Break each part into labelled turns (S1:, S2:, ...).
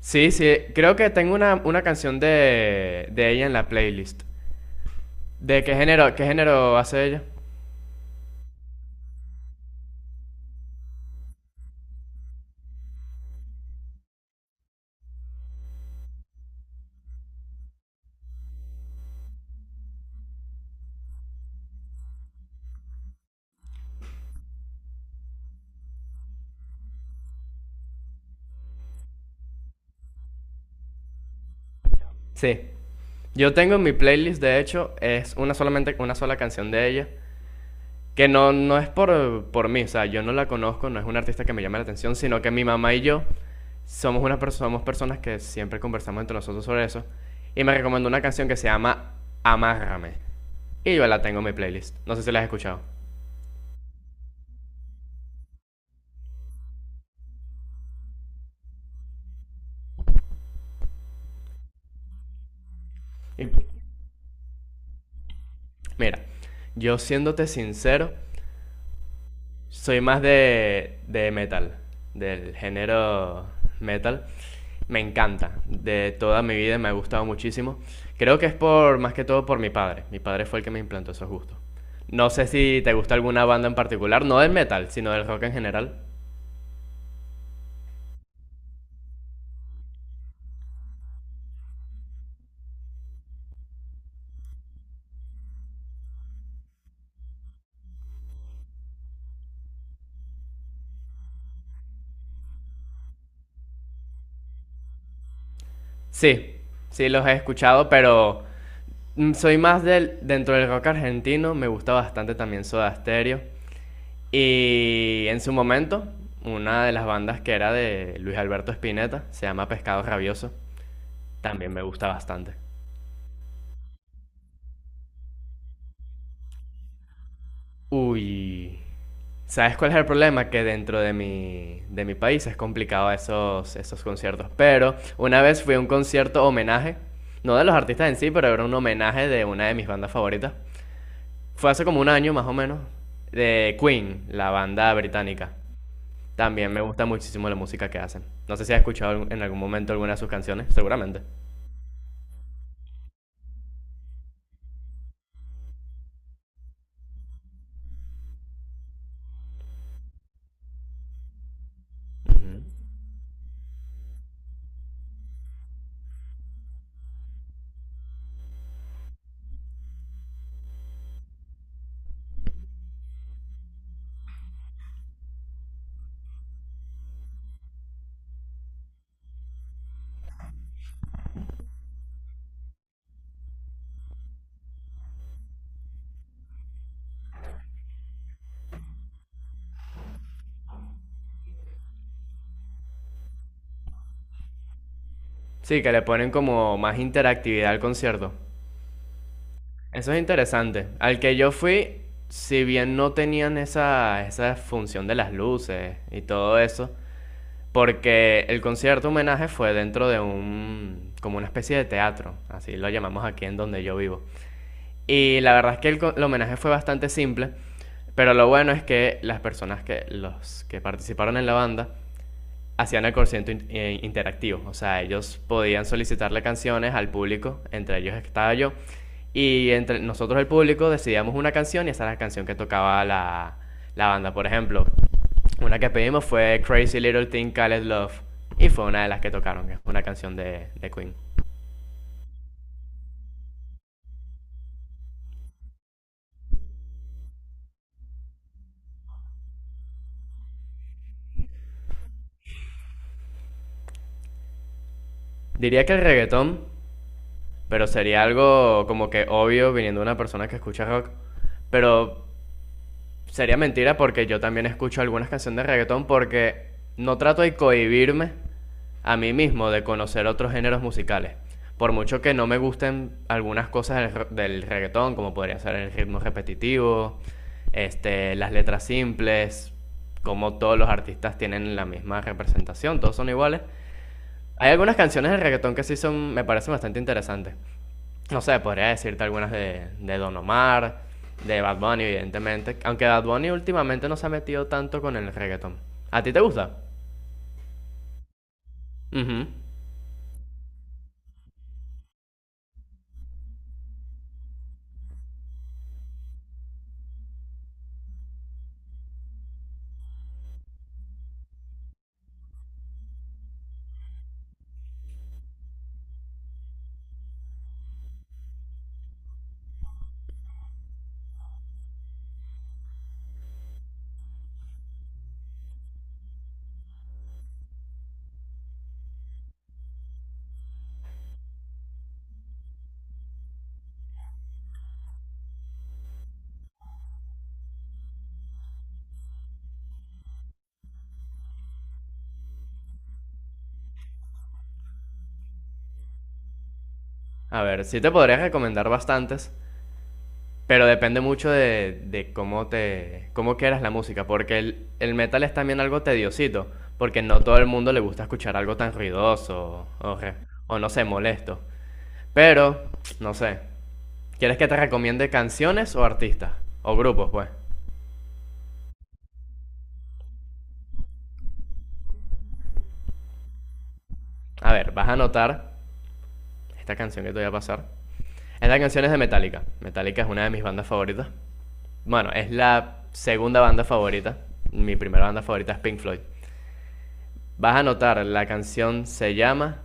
S1: Sí, sí, creo que tengo una canción de ella en la playlist. ¿De qué género hace ella? Sí. Yo tengo en mi playlist, de hecho, es una solamente una sola canción de ella, que no es por mí, o sea, yo no la conozco, no es una artista que me llame la atención, sino que mi mamá y yo somos, somos personas que siempre conversamos entre nosotros sobre eso, y me recomendó una canción que se llama Amárrame, y yo la tengo en mi playlist, no sé si la has escuchado. Y mira, yo siéndote sincero, soy más de metal, del género metal. Me encanta, de toda mi vida me ha gustado muchísimo. Creo que es por, más que todo por mi padre. Mi padre fue el que me implantó esos gustos. No sé si te gusta alguna banda en particular, no del metal, sino del rock en general. Sí, sí los he escuchado, pero mm, soy más del, dentro del rock argentino, me gusta bastante también Soda Stereo. Y en su momento, una de las bandas que era de Luis Alberto Spinetta, se llama Pescado Rabioso, también me gusta bastante. Uy, ¿sabes cuál es el problema? Que dentro de mi país es complicado esos, esos conciertos. Pero una vez fui a un concierto homenaje, no de los artistas en sí, pero era un homenaje de una de mis bandas favoritas. Fue hace como un año más o menos, de Queen, la banda británica. También me gusta muchísimo la música que hacen. No sé si has escuchado en algún momento alguna de sus canciones, seguramente. Ujú. Sí, que le ponen como más interactividad al concierto. Eso es interesante. Al que yo fui, si bien no tenían esa función de las luces y todo eso, porque el concierto homenaje fue dentro de un, como una especie de teatro, así lo llamamos aquí en donde yo vivo. Y la verdad es que el homenaje fue bastante simple, pero lo bueno es que las personas que, los que participaron en la banda hacían el concierto interactivo, o sea, ellos podían solicitarle canciones al público, entre ellos estaba yo, y entre nosotros el público decidíamos una canción y esa era la canción que tocaba la banda. Por ejemplo, una que pedimos fue Crazy Little Thing Called Love, y fue una de las que tocaron, que es una canción de Queen. Diría que el reggaetón. Pero sería algo como que obvio viniendo de una persona que escucha rock. Pero sería mentira porque yo también escucho algunas canciones de reggaetón porque no trato de cohibirme a mí mismo de conocer otros géneros musicales. Por mucho que no me gusten algunas cosas del, del reggaetón, como podría ser el ritmo repetitivo, este, las letras simples, como todos los artistas tienen la misma representación, todos son iguales. Hay algunas canciones del reggaetón que sí son, me parecen bastante interesantes. No sé, podría decirte algunas de Don Omar, de Bad Bunny, evidentemente. Aunque Bad Bunny últimamente no se ha metido tanto con el reggaeton. ¿A ti te gusta? Ujú. A ver, sí te podría recomendar bastantes, pero depende mucho de cómo te, cómo quieras la música, porque el metal es también algo tediosito, porque no todo el mundo le gusta escuchar algo tan ruidoso o, o no sé, molesto. Pero, no sé, ¿quieres que te recomiende canciones o artistas? O grupos, pues. A ver, vas a anotar esta canción que te voy a pasar. Esta canción es de Metallica. Metallica es una de mis bandas favoritas. Bueno, es la segunda banda favorita. Mi primera banda favorita es Pink Floyd. Vas a notar, la canción se llama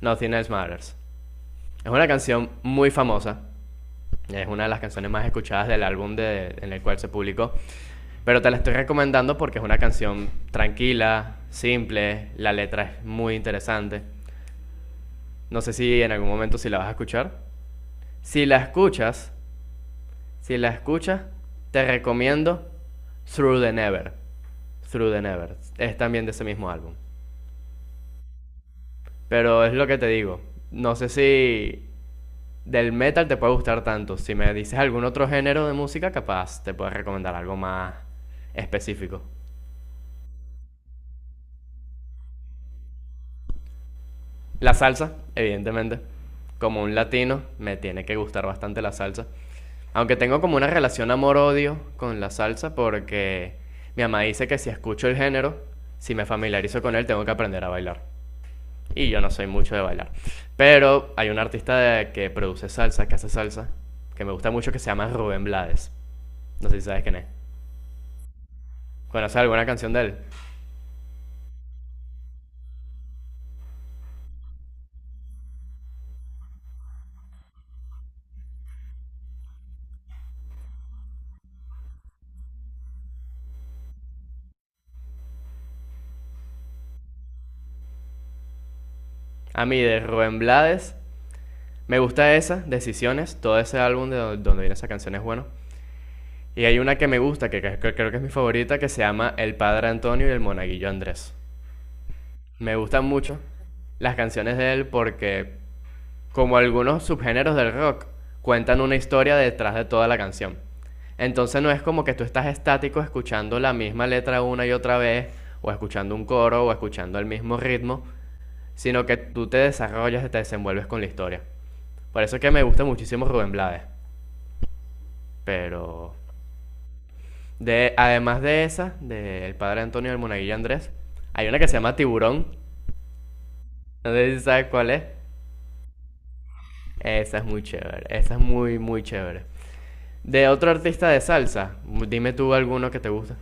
S1: Nothing Else Matters. Es una canción muy famosa. Es una de las canciones más escuchadas del en el cual se publicó. Pero te la estoy recomendando porque es una canción tranquila, simple, la letra es muy interesante. No sé si en algún momento si la vas a escuchar. Si la escuchas, Si la escuchas, te recomiendo Through the Never. Through the Never. Es también de ese mismo álbum. Pero es lo que te digo. No sé si del metal te puede gustar tanto. Si me dices algún otro género de música, capaz te puedo recomendar algo más específico. La salsa, evidentemente. Como un latino, me tiene que gustar bastante la salsa. Aunque tengo como una relación amor-odio con la salsa porque mi mamá dice que si escucho el género, si me familiarizo con él, tengo que aprender a bailar. Y yo no soy mucho de bailar. Pero hay un artista que produce salsa, que hace salsa, que me gusta mucho, que se llama Rubén Blades. No sé si sabes quién es. ¿Conoces alguna canción de él? A mí, de Rubén Blades, me gusta esa, Decisiones, todo ese álbum de donde viene esa canción es bueno. Y hay una que me gusta, que creo que es mi favorita, que se llama El Padre Antonio y el Monaguillo Andrés. Me gustan mucho las canciones de él porque como algunos subgéneros del rock, cuentan una historia detrás de toda la canción. Entonces no es como que tú estás estático escuchando la misma letra una y otra vez, o escuchando un coro, o escuchando el mismo ritmo, sino que tú te desarrollas y te desenvuelves con la historia. Por eso es que me gusta muchísimo Rubén Blades. Pero de, además de esa, del padre Antonio del Monaguillo Andrés, hay una que se llama Tiburón. No sé si sabes cuál es. Esa es muy chévere. Esa es muy, muy chévere. De otro artista de salsa, dime tú alguno que te guste.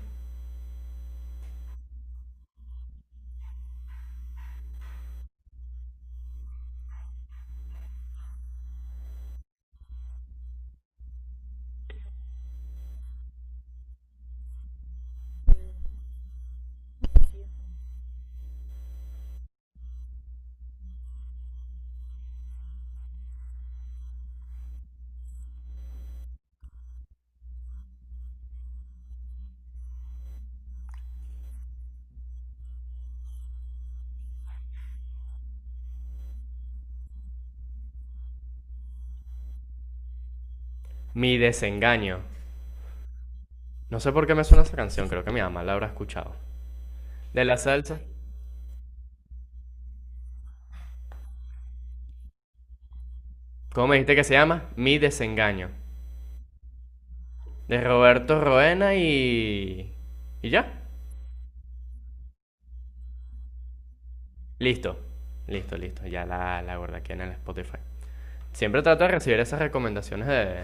S1: Mi desengaño. No sé por qué me suena esa canción, creo que mi mamá la habrá escuchado. De la salsa, ¿cómo me dijiste que se llama? Mi desengaño. De Roberto Roena y... ¿Y ya? Listo. Listo, listo. Ya la guardé aquí en el Spotify. Siempre trato de recibir esas recomendaciones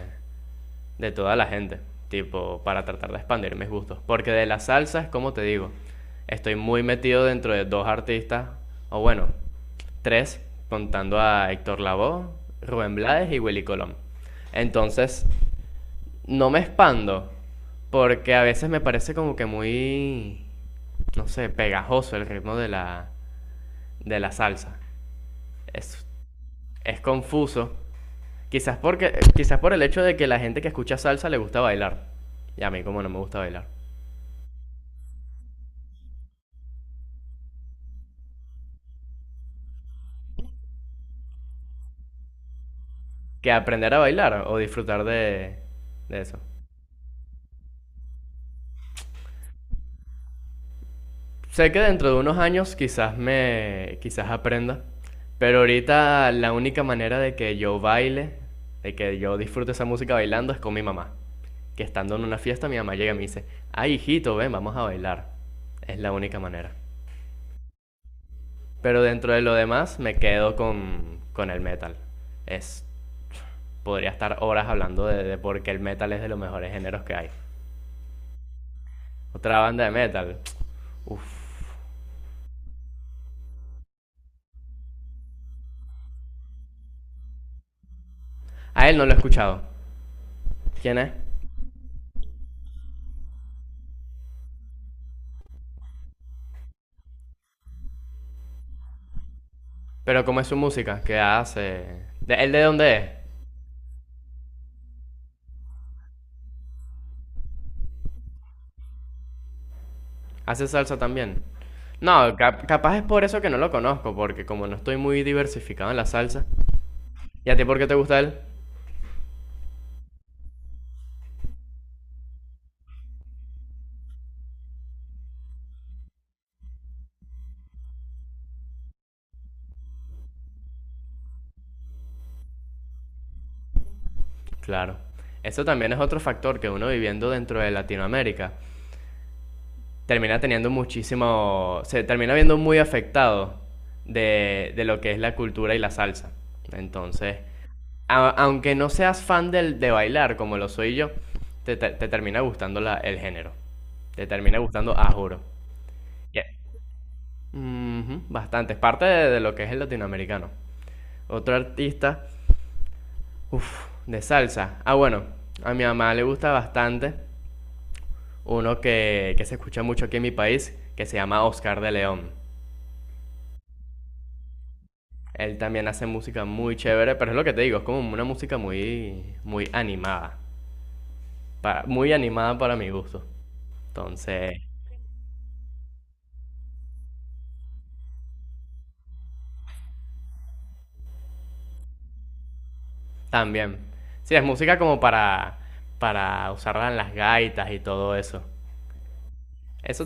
S1: de toda la gente, tipo, para tratar de expandir mis gustos. Porque de la salsa es como te digo, estoy muy metido dentro de dos artistas, o bueno, tres, contando a Héctor Lavoe, Rubén Blades y Willy Colón. Entonces, no me expando, porque a veces me parece como que muy, no sé, pegajoso el ritmo de de la salsa. Es, es confuso. Quizás, porque, quizás por el hecho de que la gente que escucha salsa le gusta bailar. Y a mí como no me gusta bailar. Que aprender a bailar o disfrutar de eso. Sé que dentro de unos años quizás me quizás aprenda, pero ahorita la única manera de que yo baile, de que yo disfrute esa música bailando es con mi mamá. Que estando en una fiesta mi mamá llega y me dice, "Ay, hijito, ven, vamos a bailar." Es la única manera. Pero dentro de lo demás me quedo con el metal. Es, podría estar horas hablando de por qué el metal es de los mejores géneros que hay. Otra banda de metal. Uf. A él no lo he escuchado. ¿Quién es? Pero ¿cómo es su música? ¿Qué hace? ¿Él de dónde es? ¿Hace salsa también? No, capaz es por eso que no lo conozco, porque como no estoy muy diversificado en la salsa. ¿Y a ti por qué te gusta él? Claro. Eso también es otro factor que uno viviendo dentro de Latinoamérica termina teniendo muchísimo, se termina viendo muy afectado de lo que es la cultura y la salsa. Entonces, aunque no seas fan del, de bailar como lo soy yo, te termina gustando el género. Te termina gustando, a juro. Yeah. Ujú, bastante, es parte de lo que es el latinoamericano. Otro artista, uff, de salsa. Ah, bueno, a mi mamá le gusta bastante uno que se escucha mucho aquí en mi país, que se llama Oscar de León. Él también hace música muy chévere, pero es lo que te digo, es como una música muy, muy animada. Para, muy animada para mi gusto. Entonces, también. Sí, es música como para usarla en las gaitas y todo eso. Eso